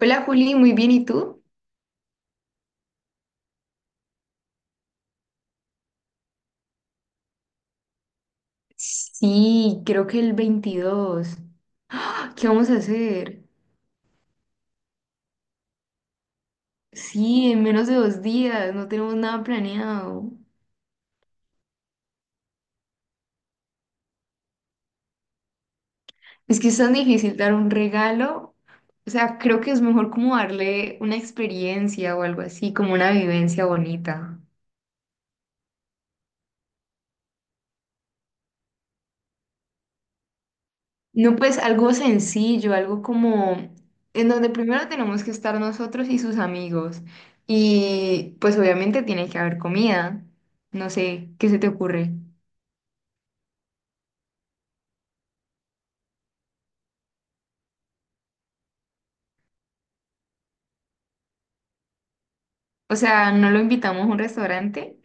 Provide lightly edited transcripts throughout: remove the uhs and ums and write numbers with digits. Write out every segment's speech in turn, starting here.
Hola Juli, muy bien, ¿y tú? Sí, creo que el 22. ¡Ah! ¿Qué vamos a hacer? Sí, en menos de 2 días, no tenemos nada planeado. Es que es tan difícil dar un regalo. O sea, creo que es mejor como darle una experiencia o algo así, como una vivencia bonita. No, pues algo sencillo, algo como en donde primero tenemos que estar nosotros y sus amigos. Y pues obviamente tiene que haber comida. No sé, ¿qué se te ocurre? O sea, no lo invitamos a un restaurante.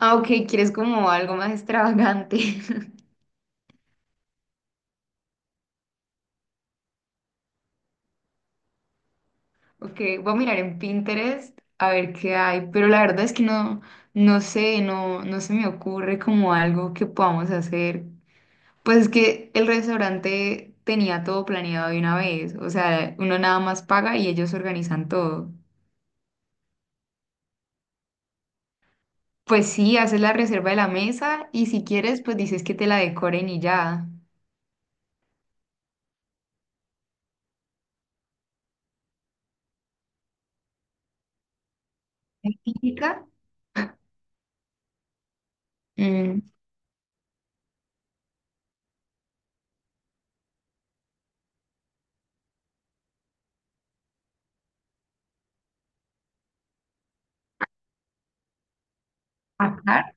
Ah, ok, quieres como algo más extravagante. Ok, voy a mirar en Pinterest a ver qué hay, pero la verdad es que no, no sé, no, no se me ocurre como algo que podamos hacer. Pues es que el restaurante tenía todo planeado de una vez, o sea, uno nada más paga y ellos organizan todo. Pues sí, haces la reserva de la mesa y si quieres, pues dices que te la decoren y ya. ¿Es ¿Típica? Mm, Acá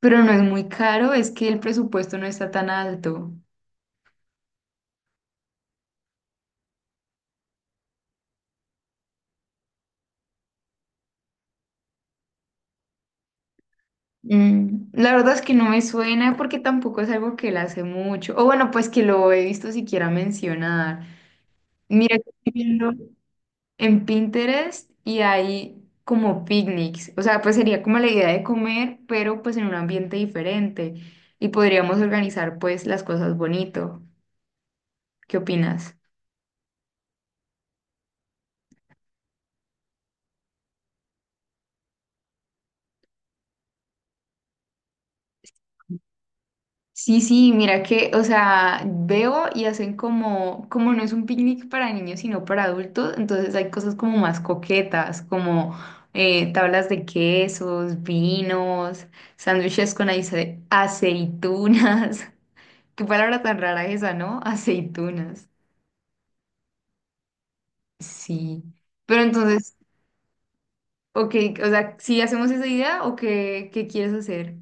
pero no es muy caro, es que el presupuesto no está tan alto. La verdad es que no me suena porque tampoco es algo que él hace mucho. O bueno, pues que lo he visto siquiera mencionar. Mira, que estoy viendo en Pinterest y hay como picnics. O sea, pues sería como la idea de comer, pero pues en un ambiente diferente. Y podríamos organizar pues las cosas bonito. ¿Qué opinas? Sí, sí, mira que, o sea, veo y hacen como, no es un picnic para niños, sino para adultos, entonces hay cosas como más coquetas, como tablas de quesos, vinos, sándwiches con aceitunas. Qué palabra tan rara esa, ¿no? Aceitunas. Sí. Pero entonces, ok, o sea, si hacemos esa idea o ¿qué quieres hacer?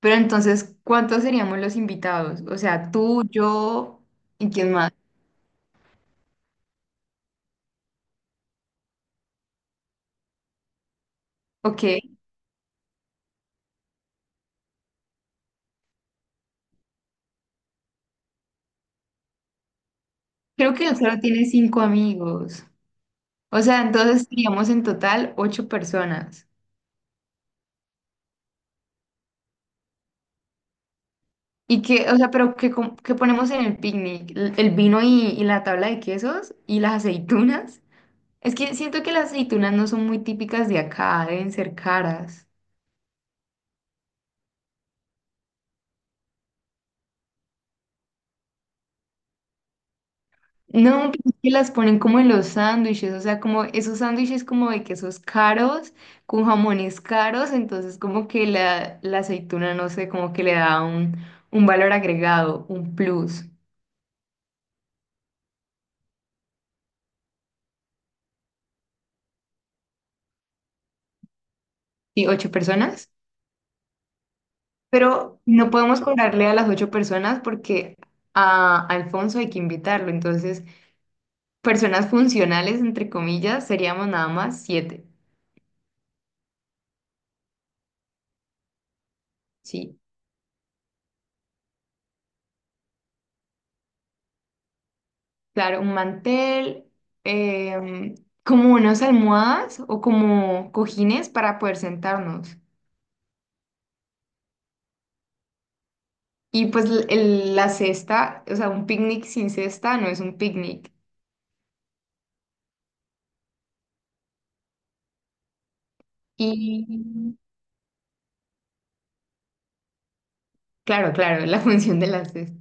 Pero entonces, ¿cuántos seríamos los invitados? O sea, tú, yo y quién más. Ok. Creo que él solo tiene cinco amigos. O sea, entonces seríamos en total ocho personas. Y que, o sea, pero ¿qué, qué ponemos en el picnic? El vino y la tabla de quesos y las aceitunas. Es que siento que las aceitunas no son muy típicas de acá, deben ser caras. No, pero es que las ponen como en los sándwiches, o sea, como esos sándwiches como de quesos caros, con jamones caros, entonces como que la aceituna, no sé, como que le da un valor agregado, un plus. Sí, ocho personas, pero no podemos cobrarle a las ocho personas porque a Alfonso hay que invitarlo. Entonces, personas funcionales, entre comillas, seríamos nada más siete. Sí, claro, un mantel, em, como unas almohadas o como cojines para poder sentarnos. Y pues la cesta, o sea, un picnic sin cesta no es un picnic. Y claro, claro, la función de la cesta.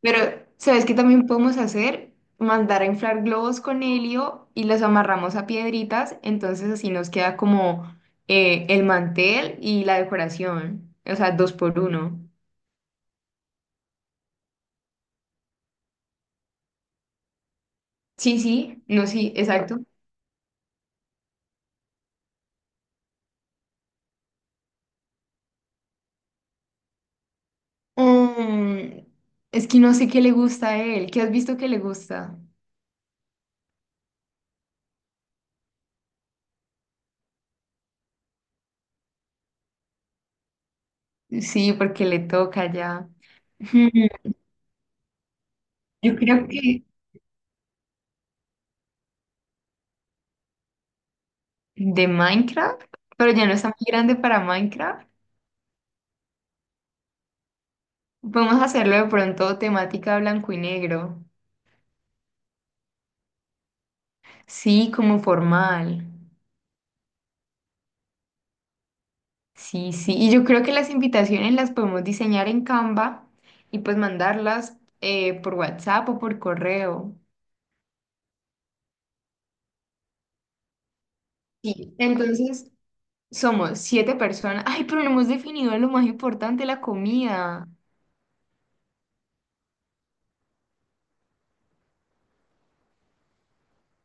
Pero, ¿sabes qué también podemos hacer? Mandar a inflar globos con helio y los amarramos a piedritas, entonces así nos queda como el mantel y la decoración, o sea, dos por uno. Sí, sí, no, sí, exacto. Mm, es que no sé qué le gusta a él, ¿qué has visto que le gusta? Sí, porque le toca ya. Hmm, Yo creo que de Minecraft, pero ya no está muy grande para Minecraft. Podemos hacerlo de pronto temática blanco y negro. Sí, como formal. Sí, sí. Y yo creo que las invitaciones las podemos diseñar en Canva y pues mandarlas por WhatsApp o por correo. Sí. Entonces, somos siete personas. Ay, pero no hemos definido lo más importante, la comida.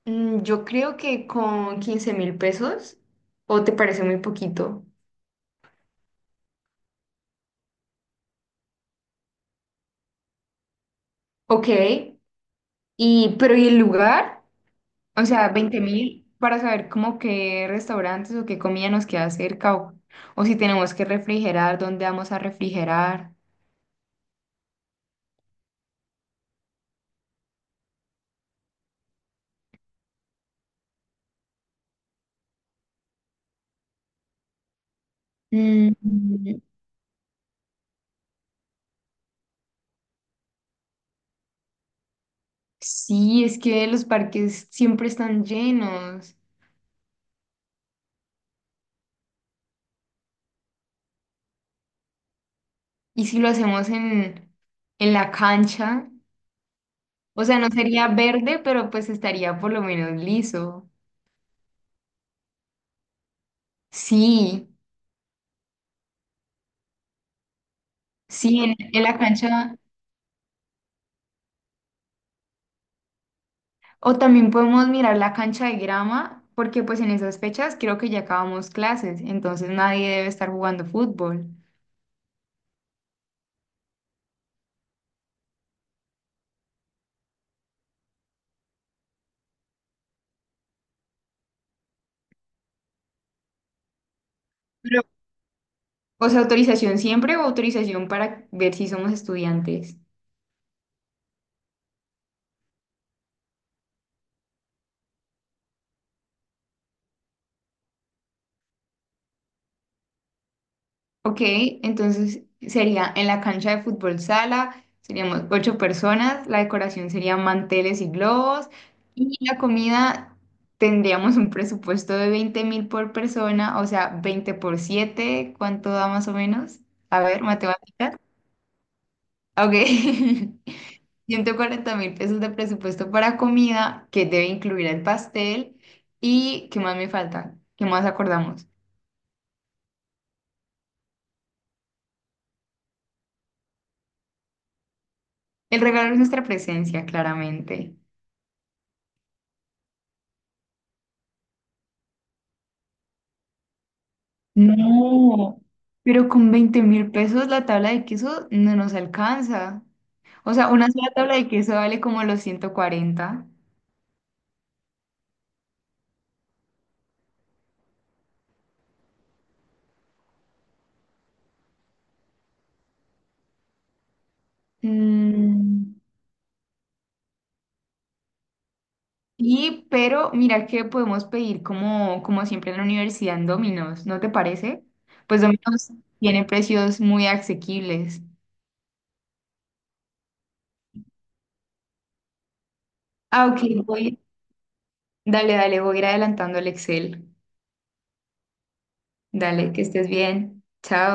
Yo creo que con 15.000 pesos, ¿o te parece muy poquito? Ok. Y, pero ¿y el lugar? O sea, 20.000 para saber como qué restaurantes o qué comida nos queda cerca o si tenemos que refrigerar, dónde vamos a refrigerar. Mm, sí, es que los parques siempre están llenos. Y si lo hacemos en la cancha, o sea, no sería verde, pero pues estaría por lo menos liso. Sí, sí, en la cancha. O también podemos mirar la cancha de grama, porque pues en esas fechas creo que ya acabamos clases, entonces nadie debe estar jugando fútbol. Pero, o sea, autorización siempre o autorización para ver si somos estudiantes. Ok, entonces sería en la cancha de fútbol sala, seríamos ocho personas, la decoración sería manteles y globos, y la comida tendríamos un presupuesto de 20.000 por persona, o sea, 20 por siete, ¿cuánto da más o menos? A ver, matemáticas. Ok. 140.000 pesos de presupuesto para comida, que debe incluir el pastel. ¿Y qué más me falta? ¿Qué más acordamos? El regalo es nuestra presencia, claramente. No, pero con 20.000 pesos la tabla de queso no nos alcanza. O sea, una sola tabla de queso vale como los 140. Mm. Sí, pero mira que podemos pedir como, siempre en la universidad en Domino's, ¿no te parece? Pues Domino's tiene precios muy asequibles. Ah, ok, voy. Dale, dale, voy a ir adelantando el Excel. Dale, que estés bien. Chao.